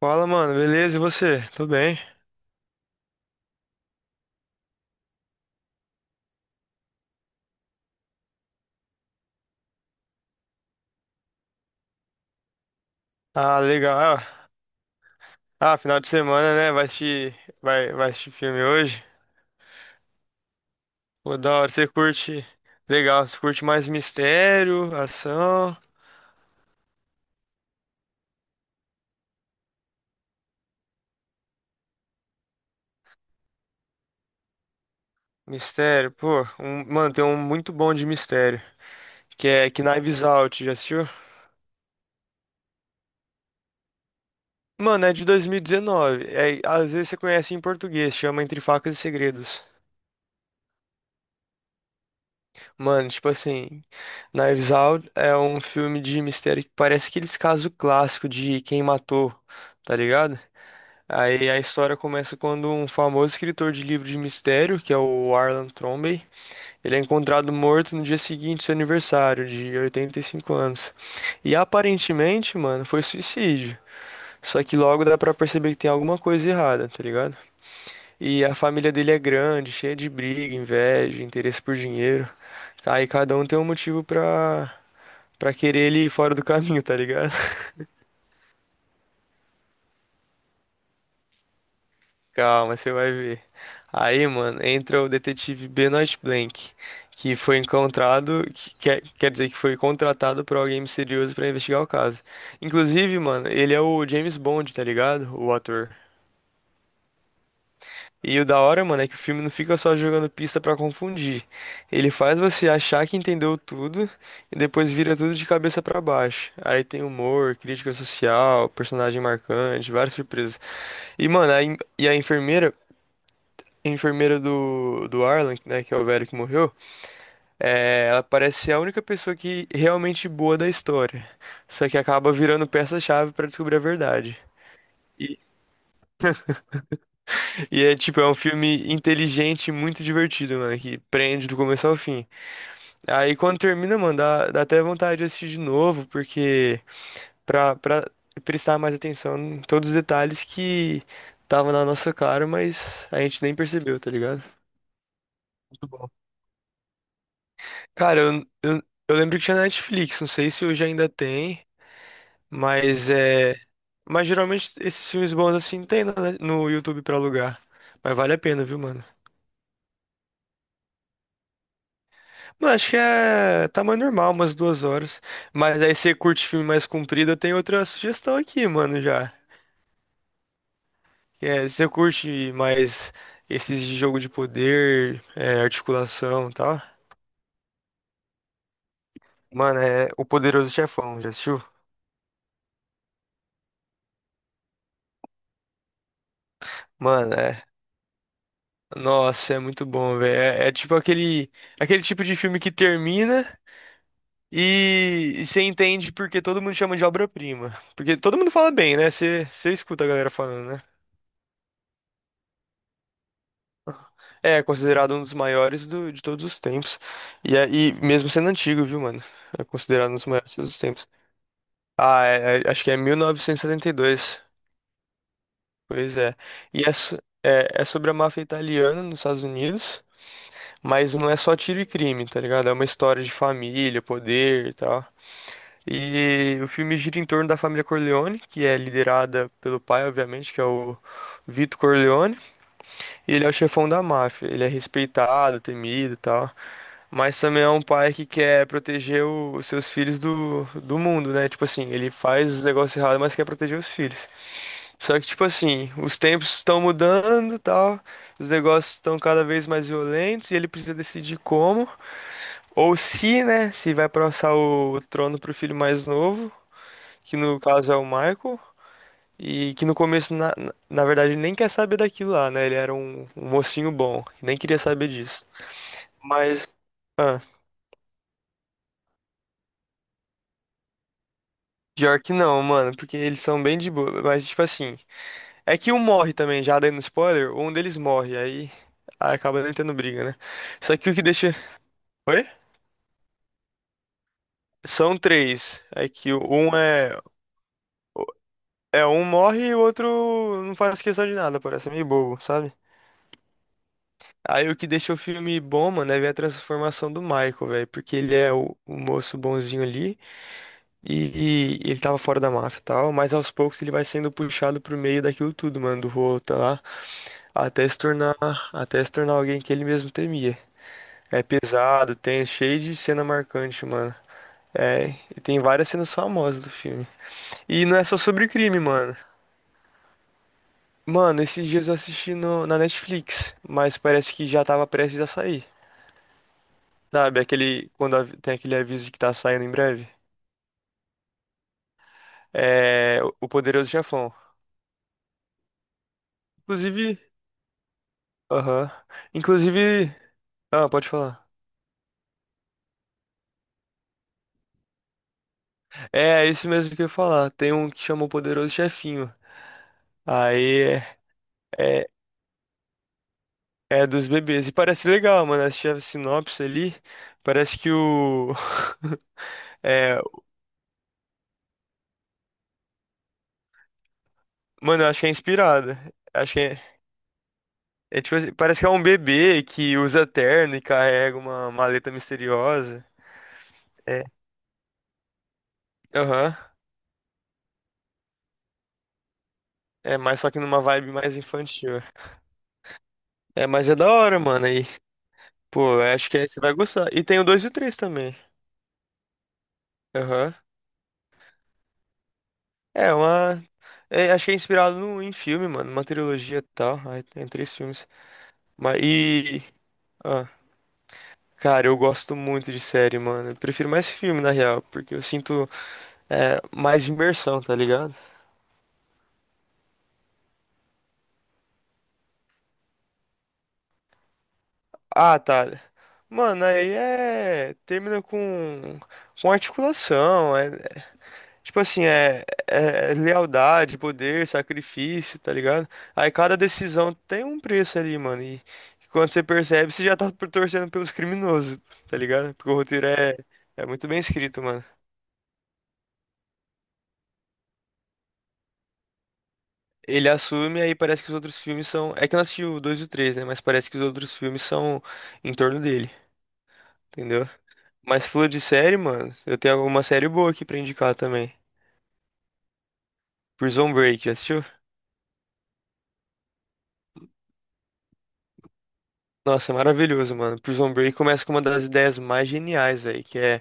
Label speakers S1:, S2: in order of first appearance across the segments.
S1: Fala, mano, beleza? E você? Tô bem. Ah, legal. Ah, final de semana, né? Vai assistir filme hoje. Pô, da hora. Você curte. Legal, você curte mais mistério, ação. Mistério, pô. Mano, tem um muito bom de mistério. Que é Knives Out, já assistiu? Mano, é de 2019. É, às vezes você conhece em português, chama Entre Facas e Segredos. Mano, tipo assim, Knives Out é um filme de mistério que parece aqueles casos clássicos de quem matou, tá ligado? Aí a história começa quando um famoso escritor de livro de mistério, que é o Arlan Trombey, ele é encontrado morto no dia seguinte do seu aniversário, de 85 anos. E aparentemente, mano, foi suicídio. Só que logo dá pra perceber que tem alguma coisa errada, tá ligado? E a família dele é grande, cheia de briga, inveja, interesse por dinheiro. Aí cada um tem um motivo pra querer ele ir fora do caminho, tá ligado? Calma, você vai ver. Aí, mano, entra o detetive Benoit Blanc, que foi encontrado, que quer dizer que foi contratado por alguém misterioso pra investigar o caso. Inclusive, mano, ele é o James Bond, tá ligado? O ator. E o da hora, mano, é que o filme não fica só jogando pista pra confundir. Ele faz você achar que entendeu tudo e depois vira tudo de cabeça pra baixo. Aí tem humor, crítica social, personagem marcante, várias surpresas. E, mano, a, en- e a enfermeira do Arlan, né, que é o velho que morreu, é, ela parece ser a única pessoa que realmente boa da história. Só que acaba virando peça-chave pra descobrir a verdade. E, e é tipo, é um filme inteligente e muito divertido, mano, que prende do começo ao fim. Aí quando termina, mano, dá até vontade de assistir de novo, porque pra prestar mais atenção em todos os detalhes que tava na nossa cara, mas a gente nem percebeu, tá ligado? Muito bom. Cara, eu lembro que tinha na Netflix, não sei se hoje ainda tem, mas é. Mas geralmente esses filmes bons assim tem no YouTube pra alugar. Mas vale a pena, viu, mano? Mano, acho que é tamanho normal, umas 2 horas. Mas aí você curte filme mais comprido, eu tenho outra sugestão aqui, mano, já. É, você curte mais esses de jogo de poder, é, articulação e tal? Mano, é O Poderoso Chefão, já assistiu? Mano, é. Nossa, é muito bom, velho. É tipo aquele tipo de filme que termina e você entende porque todo mundo chama de obra-prima. Porque todo mundo fala bem, né? Você escuta a galera falando, né? É considerado um dos maiores de todos os tempos. E mesmo sendo antigo, viu, mano? É considerado um dos maiores de todos os tempos. Ah, acho que é 1972. Pois é. E é, so- é sobre a máfia italiana nos Estados Unidos, mas não é só tiro e crime, tá ligado? É uma história de família, poder e tal. E o filme gira em torno da família Corleone, que é liderada pelo pai, obviamente, que é o Vito Corleone. E ele é o chefão da máfia. Ele é respeitado, temido e tal. Mas também é um pai que quer proteger os seus filhos do mundo, né? Tipo assim, ele faz os negócios errados, mas quer proteger os filhos. Só que, tipo assim, os tempos estão mudando, tal, os negócios estão cada vez mais violentos e ele precisa decidir como, ou se, né, se vai passar o trono pro filho mais novo, que no caso é o Michael, e que no começo, na verdade, ele nem quer saber daquilo lá, né, ele era um mocinho bom, nem queria saber disso. Mas, ah, pior que não, mano, porque eles são bem de boa, mas, tipo assim, é que um morre também, já dando spoiler, um deles morre, aí acaba não tendo briga, né? Só que o que deixa. Oi? São três. É que um é, é um morre e o outro não faz questão de nada, parece meio bobo, sabe? Aí o que deixa o filme bom, mano, é ver a transformação do Michael, velho. Porque ele é o moço bonzinho ali e ele tava fora da máfia e tal, mas aos poucos ele vai sendo puxado pro meio daquilo tudo, mano, do rolo, tá lá, até se tornar, até se tornar alguém que ele mesmo temia. É pesado, tem cheio de cena marcante, mano. É, e tem várias cenas famosas do filme. E não é só sobre crime, mano. Mano, esses dias eu assisti no, na Netflix, mas parece que já tava prestes a sair. Sabe, aquele, quando tem aquele aviso de que tá saindo em breve. É, o Poderoso Chefão. Inclusive, aham. Inclusive, ah, pode falar. É isso mesmo que eu ia falar. Tem um que chama o Poderoso Chefinho. Aí é, é, é dos bebês. E parece legal, mano. Assisti a sinopse ali. Parece que o. É, mano, eu acho que é inspirada. Acho que é. É tipo assim, parece que é um bebê que usa terno e carrega uma maleta misteriosa. É. Aham. É, mas só que numa vibe mais infantil. É, mas é da hora, mano. Aí, pô, acho que aí você vai gostar. E tem o 2 e o 3 também. Aham. É, uma. É, acho que é inspirado no, em filme, mano. Uma trilogia e tal. Aí tem três filmes. Mas e. Ah, cara, eu gosto muito de série, mano. Eu prefiro mais filme, na real, porque eu sinto mais imersão, tá ligado? Ah, tá. Mano, aí é. Termina com. Com articulação. Tipo assim, é lealdade, poder, sacrifício, tá ligado? Aí cada decisão tem um preço ali, mano. E quando você percebe, você já tá torcendo pelos criminosos, tá ligado? Porque o roteiro é. É muito bem escrito, mano. Ele assume, aí parece que os outros filmes são. É que eu não assisti o 2 e o 3, né? Mas parece que os outros filmes são em torno dele, entendeu? Mas falou de série, mano. Eu tenho alguma série boa aqui pra indicar também. Prison Break, já assistiu? Nossa, é maravilhoso, mano. Prison Break começa com uma das ideias mais geniais, velho, que é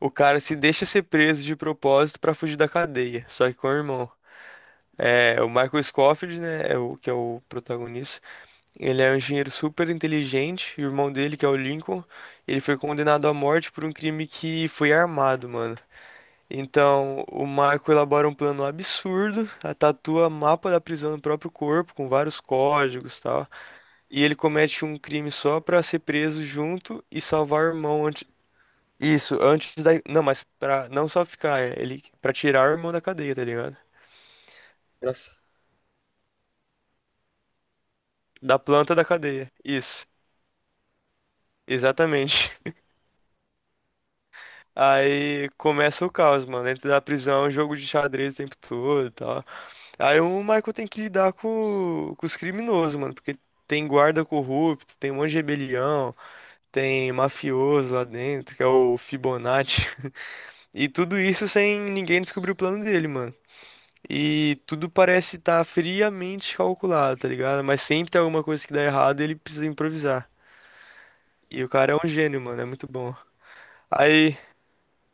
S1: o cara se deixa ser preso de propósito pra fugir da cadeia, só que com o irmão. É, o Michael Scofield, né, é o que é o protagonista. Ele é um engenheiro super inteligente, e o irmão dele, que é o Lincoln, ele foi condenado à morte por um crime que foi armado, mano. Então, o Michael elabora um plano absurdo, a tatua mapa da prisão no próprio corpo, com vários códigos e tal. E ele comete um crime só pra ser preso junto e salvar o irmão antes. Isso, antes da. Não, mas pra não só ficar, é, ele. Pra tirar o irmão da cadeia, tá ligado? Nossa. Da planta da cadeia. Isso, exatamente. Aí começa o caos, mano. Dentro da prisão, jogo de xadrez o tempo todo e tal. Aí o Michael tem que lidar com os criminosos, mano. Porque tem guarda corrupto, tem um monte de rebelião, tem mafioso lá dentro, que é o Fibonacci. E tudo isso sem ninguém descobrir o plano dele, mano. E tudo parece estar friamente calculado, tá ligado? Mas sempre tem alguma coisa que dá errado e ele precisa improvisar. E o cara é um gênio, mano, é muito bom. Aí,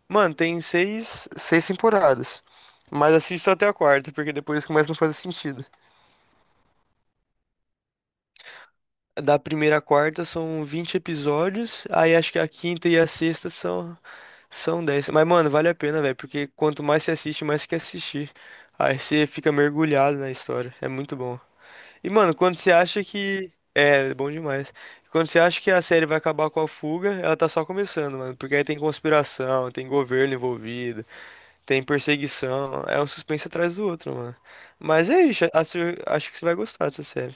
S1: mano, tem seis temporadas. Mas assiste só até a quarta, porque depois começa a não fazer sentido. Da primeira à quarta são 20 episódios, aí acho que a quinta e a sexta são 10. Mas, mano, vale a pena, velho, porque quanto mais você assiste, mais você quer assistir. Aí você fica mergulhado na história, é muito bom. E, mano, quando você acha que. É, bom demais. Quando você acha que a série vai acabar com a fuga, ela tá só começando, mano. Porque aí tem conspiração, tem governo envolvido, tem perseguição. É um suspense atrás do outro, mano. Mas é isso, acho, que você vai gostar dessa série.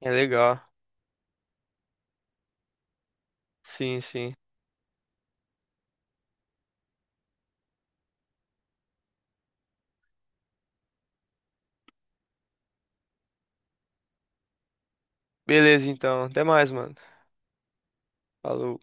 S1: É legal. Sim, sim. Beleza, então. Até mais, mano. Falou.